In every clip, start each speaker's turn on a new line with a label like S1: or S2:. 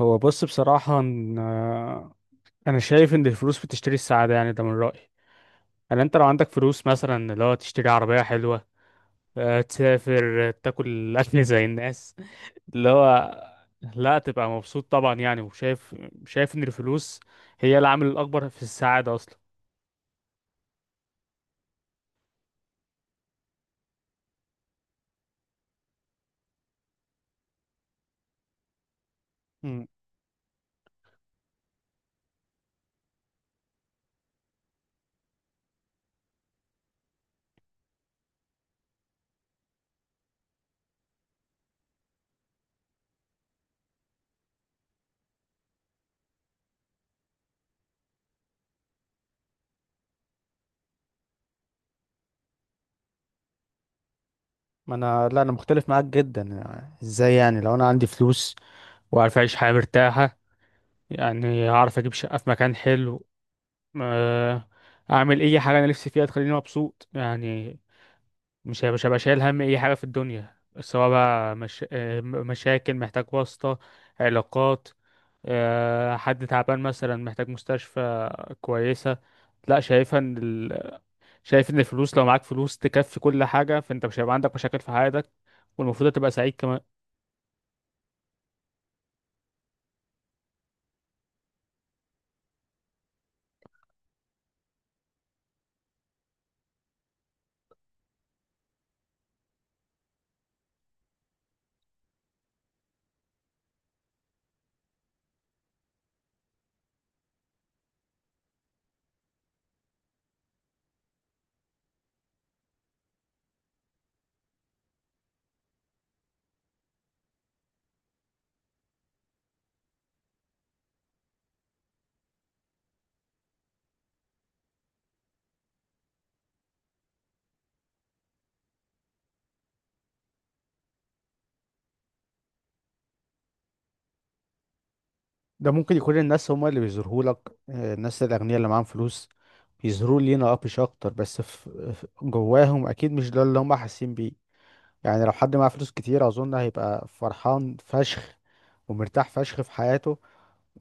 S1: هو بص بصراحة أنا شايف إن الفلوس بتشتري السعادة، يعني ده من رأيي. يعني أنت لو عندك فلوس مثلا اللي هو تشتري عربية حلوة، تسافر، تاكل أكل زي الناس اللي هو لا تبقى مبسوط طبعا، يعني وشايف إن الفلوس هي العامل الأكبر في السعادة أصلا. مم. ما انا لا انا مختلف معاك جدا. يعني ازاي؟ يعني لو انا عندي فلوس وعارف أعيش حياة مرتاحة، يعني هعرف أجيب شقة في مكان حلو، آه، اعمل اي حاجه انا نفسي فيها تخليني مبسوط. يعني مش هبقى شايل هم اي حاجه في الدنيا، سواء بقى مش... آه، م- مشاكل، محتاج واسطه، علاقات، حد تعبان مثلا محتاج مستشفى كويسه. لا شايفها ان شايف ان الفلوس لو معاك فلوس تكفي كل حاجه، فانت مش هيبقى عندك مشاكل في حياتك، والمفروض تبقى سعيد كمان. ده ممكن يكون الناس هما اللي بيظهروا لك، الناس الأغنياء اللي معاهم فلوس بيظهروا لينا أبيش أكتر، بس جواهم أكيد مش ده اللي هما حاسين بيه. يعني لو حد معاه فلوس كتير أظن هيبقى فرحان فشخ ومرتاح فشخ في حياته،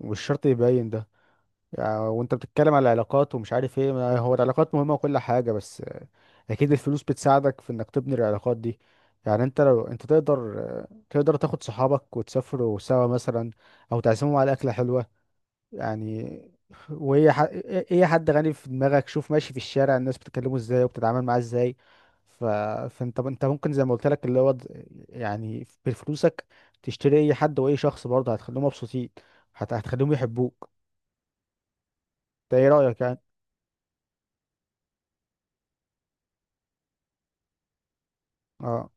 S1: ومش شرط يبين ده. يعني وأنت بتتكلم على العلاقات ومش عارف إيه، ما هو العلاقات مهمة وكل حاجة، بس أكيد الفلوس بتساعدك في إنك تبني العلاقات دي. يعني أنت لو تقدر، تقدر تاخد صحابك وتسافروا سوا مثلا، أو تعزمهم على أكلة حلوة يعني. ايه حد غني في دماغك، شوف ماشي في الشارع الناس بتكلمه ازاي وبتتعامل معاه ازاي. فانت ممكن زي ما قلت لك، يعني بفلوسك تشتري اي حد، واي شخص برضه هتخليهم مبسوطين، هتخليهم يحبوك. ده ايه رأيك يعني؟ اه،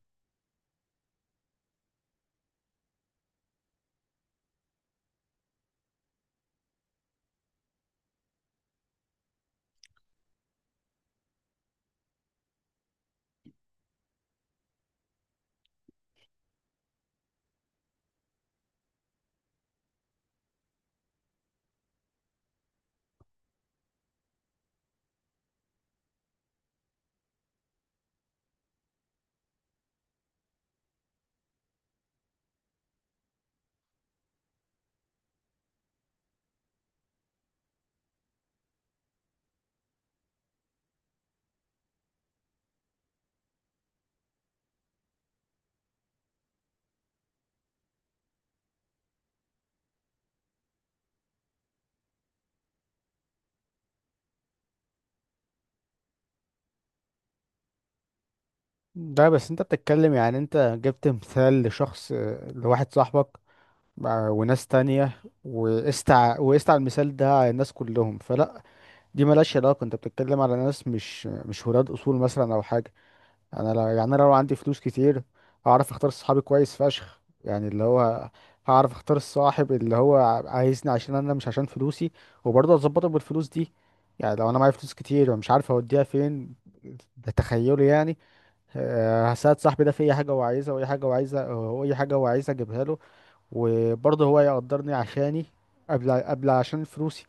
S1: ده بس انت بتتكلم، يعني انت جبت مثال لشخص، لواحد صاحبك، وناس تانية، وقست على المثال ده على الناس كلهم. فلا، دي ملهاش علاقة، انت بتتكلم على ناس مش ولاد اصول مثلا او حاجة. انا لا، يعني انا لو عندي فلوس كتير هعرف اختار صحابي كويس فشخ، يعني اللي هو هعرف اختار الصاحب اللي هو عايزني عشان انا مش عشان فلوسي، وبرضه اظبطه بالفلوس دي. يعني لو انا معايا فلوس كتير ومش عارف اوديها فين، ده تخيلي يعني، هساعد صاحبي ده في اي حاجة هو عايزها، واي حاجة هو عايزها، واي حاجة هو عايزها اجيبها له. وبرضه هو يقدرني عشاني، قبل عشان فلوسي.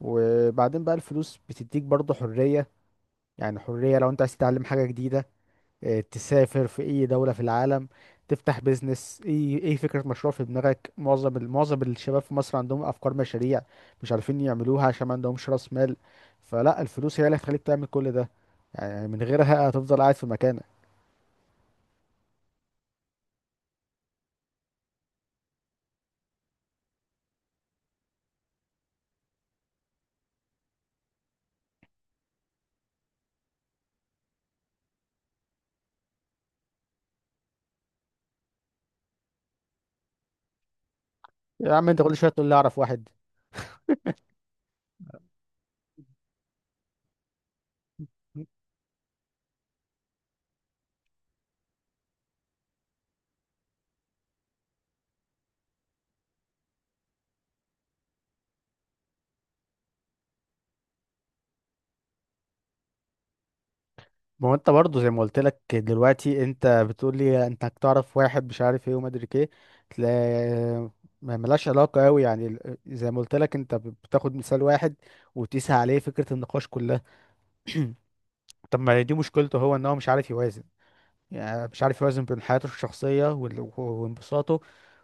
S1: وبعدين بقى الفلوس بتديك برضه حرية. يعني حرية لو انت عايز تتعلم حاجة جديدة، اه، تسافر في اي دولة في العالم، تفتح بيزنس، اي فكرة مشروع في دماغك. معظم الشباب في مصر عندهم افكار مشاريع مش عارفين يعملوها عشان ما عندهمش راس مال. فلا، الفلوس هي اللي هتخليك تعمل كل ده، يعني من غيرها هتفضل قاعد في مكانك. يا عم انت كل شوية تقول لي اعرف واحد! ما هو انت برضه زي ما قلت لك دلوقتي، انت بتقول لي انت هتعرف واحد مش عارف ايه وما ادري ايه، تلاقي ما ملهاش علاقه قوي. يعني زي ما قلت لك، انت بتاخد مثال واحد وتقيس عليه فكره النقاش كلها. طب ما دي مشكلته هو، ان هو مش عارف يوازن. يعني مش عارف يوازن بين حياته الشخصيه وانبساطه،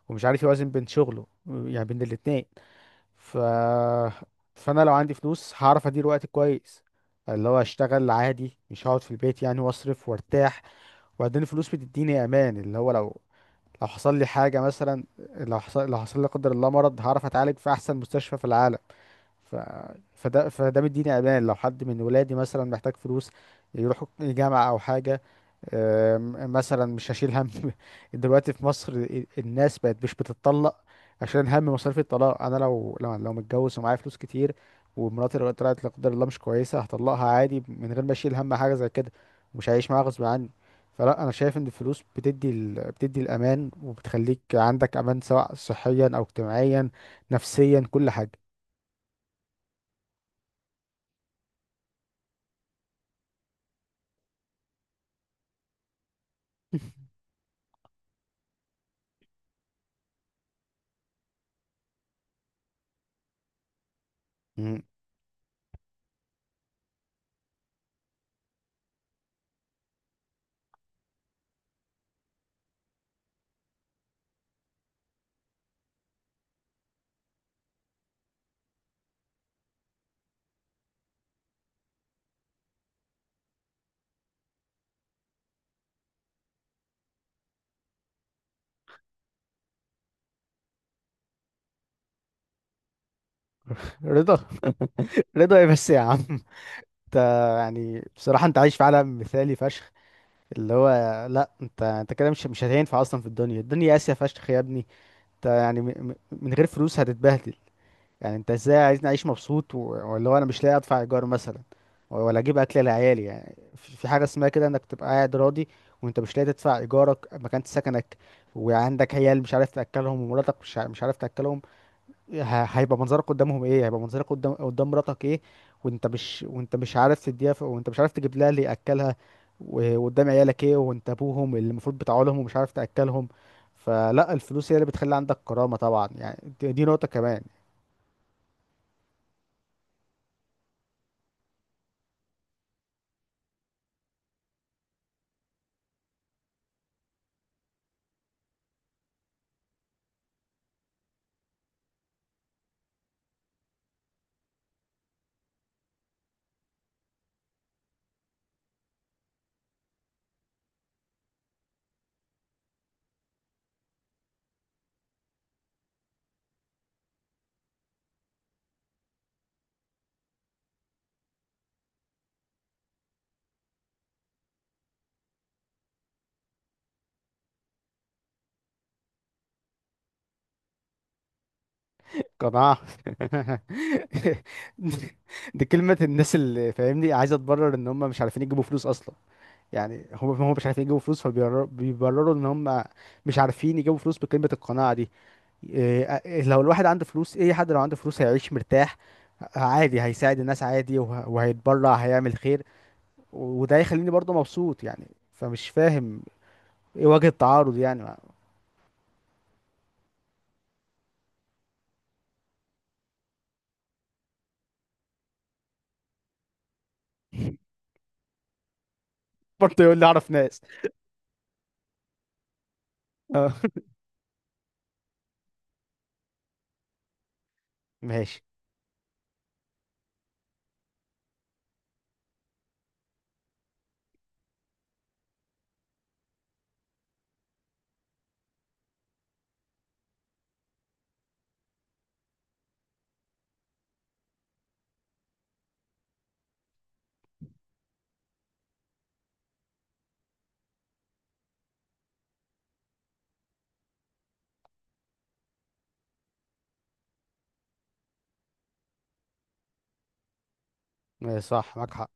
S1: ومش عارف يوازن بين شغله، يعني بين الاتنين. ف فانا لو عندي فلوس هعرف ادير وقتي كويس، اللي هو اشتغل عادي، مش هقعد في البيت يعني، واصرف وارتاح. وبعدين الفلوس بتديني امان، اللي هو لو حصل لي حاجه مثلا، لو حصل لي لا قدر الله مرض، هعرف اتعالج في احسن مستشفى في العالم. ف... فده فده مديني امان. لو حد من ولادي مثلا محتاج فلوس يروحوا الجامعه او حاجه، مثلا مش هشيل هم. دلوقتي في مصر الناس بقت مش بتتطلق عشان هم مصاريف الطلاق. انا لو متجوز ومعايا فلوس كتير، ومراتي لو طلعت لا قدر الله مش كويسه، هطلقها عادي من غير ما اشيل هم حاجه زي كده، مش هعيش معاها غصب عني. فلا، انا شايف ان الفلوس بتدي الامان وبتخليك عندك امان، سواء صحيا او اجتماعيا، نفسيا، كل حاجه. مم. رضا؟ رضا ايه بس يا عم انت؟ يعني بصراحه انت عايش في عالم مثالي فشخ، اللي هو، لا انت كده مش هتنفع اصلا في الدنيا. الدنيا قاسيه فشخ يا ابني. انت يعني من غير فلوس هتتبهدل. يعني انت ازاي عايزني اعيش مبسوط ولا هو انا مش لاقي ادفع ايجار مثلا، ولا اجيب اكل لعيالي؟ يعني في في حاجه اسمها كده انك تبقى قاعد راضي وانت مش لاقي تدفع ايجارك مكان سكنك، وعندك عيال مش عارف تاكلهم، ومراتك مش عارف تاكلهم؟ هيبقى منظرك قدامهم ايه؟ هيبقى منظرك قدام مراتك ايه؟ وانت مش وانت مش عارف تديها، وانت مش عارف تجيب لها اللي ياكلها، وقدام عيالك ايه وانت ابوهم اللي المفروض بتاع لهم ومش عارف تاكلهم؟ فلا، الفلوس هي اللي بتخلي عندك كرامه طبعا، يعني دي نقطه كمان. قناعة؟ دي كلمة الناس اللي فاهمني عايزة تبرر ان هم مش عارفين يجيبوا فلوس اصلا. يعني هم مش عارفين يجيبوا فلوس، فبيبرروا ان هم مش عارفين يجيبوا فلوس بكلمة القناعة دي. إيه، إيه، لو الواحد عنده فلوس، اي حد لو عنده فلوس هيعيش مرتاح عادي، هيساعد الناس عادي، وهيتبرع، هيعمل خير، وده هيخليني برضه مبسوط يعني. فمش فاهم ايه وجه التعارض يعني. برضه يقول لي اعرف ناس! ماشي. ماشي، صح معاك حق.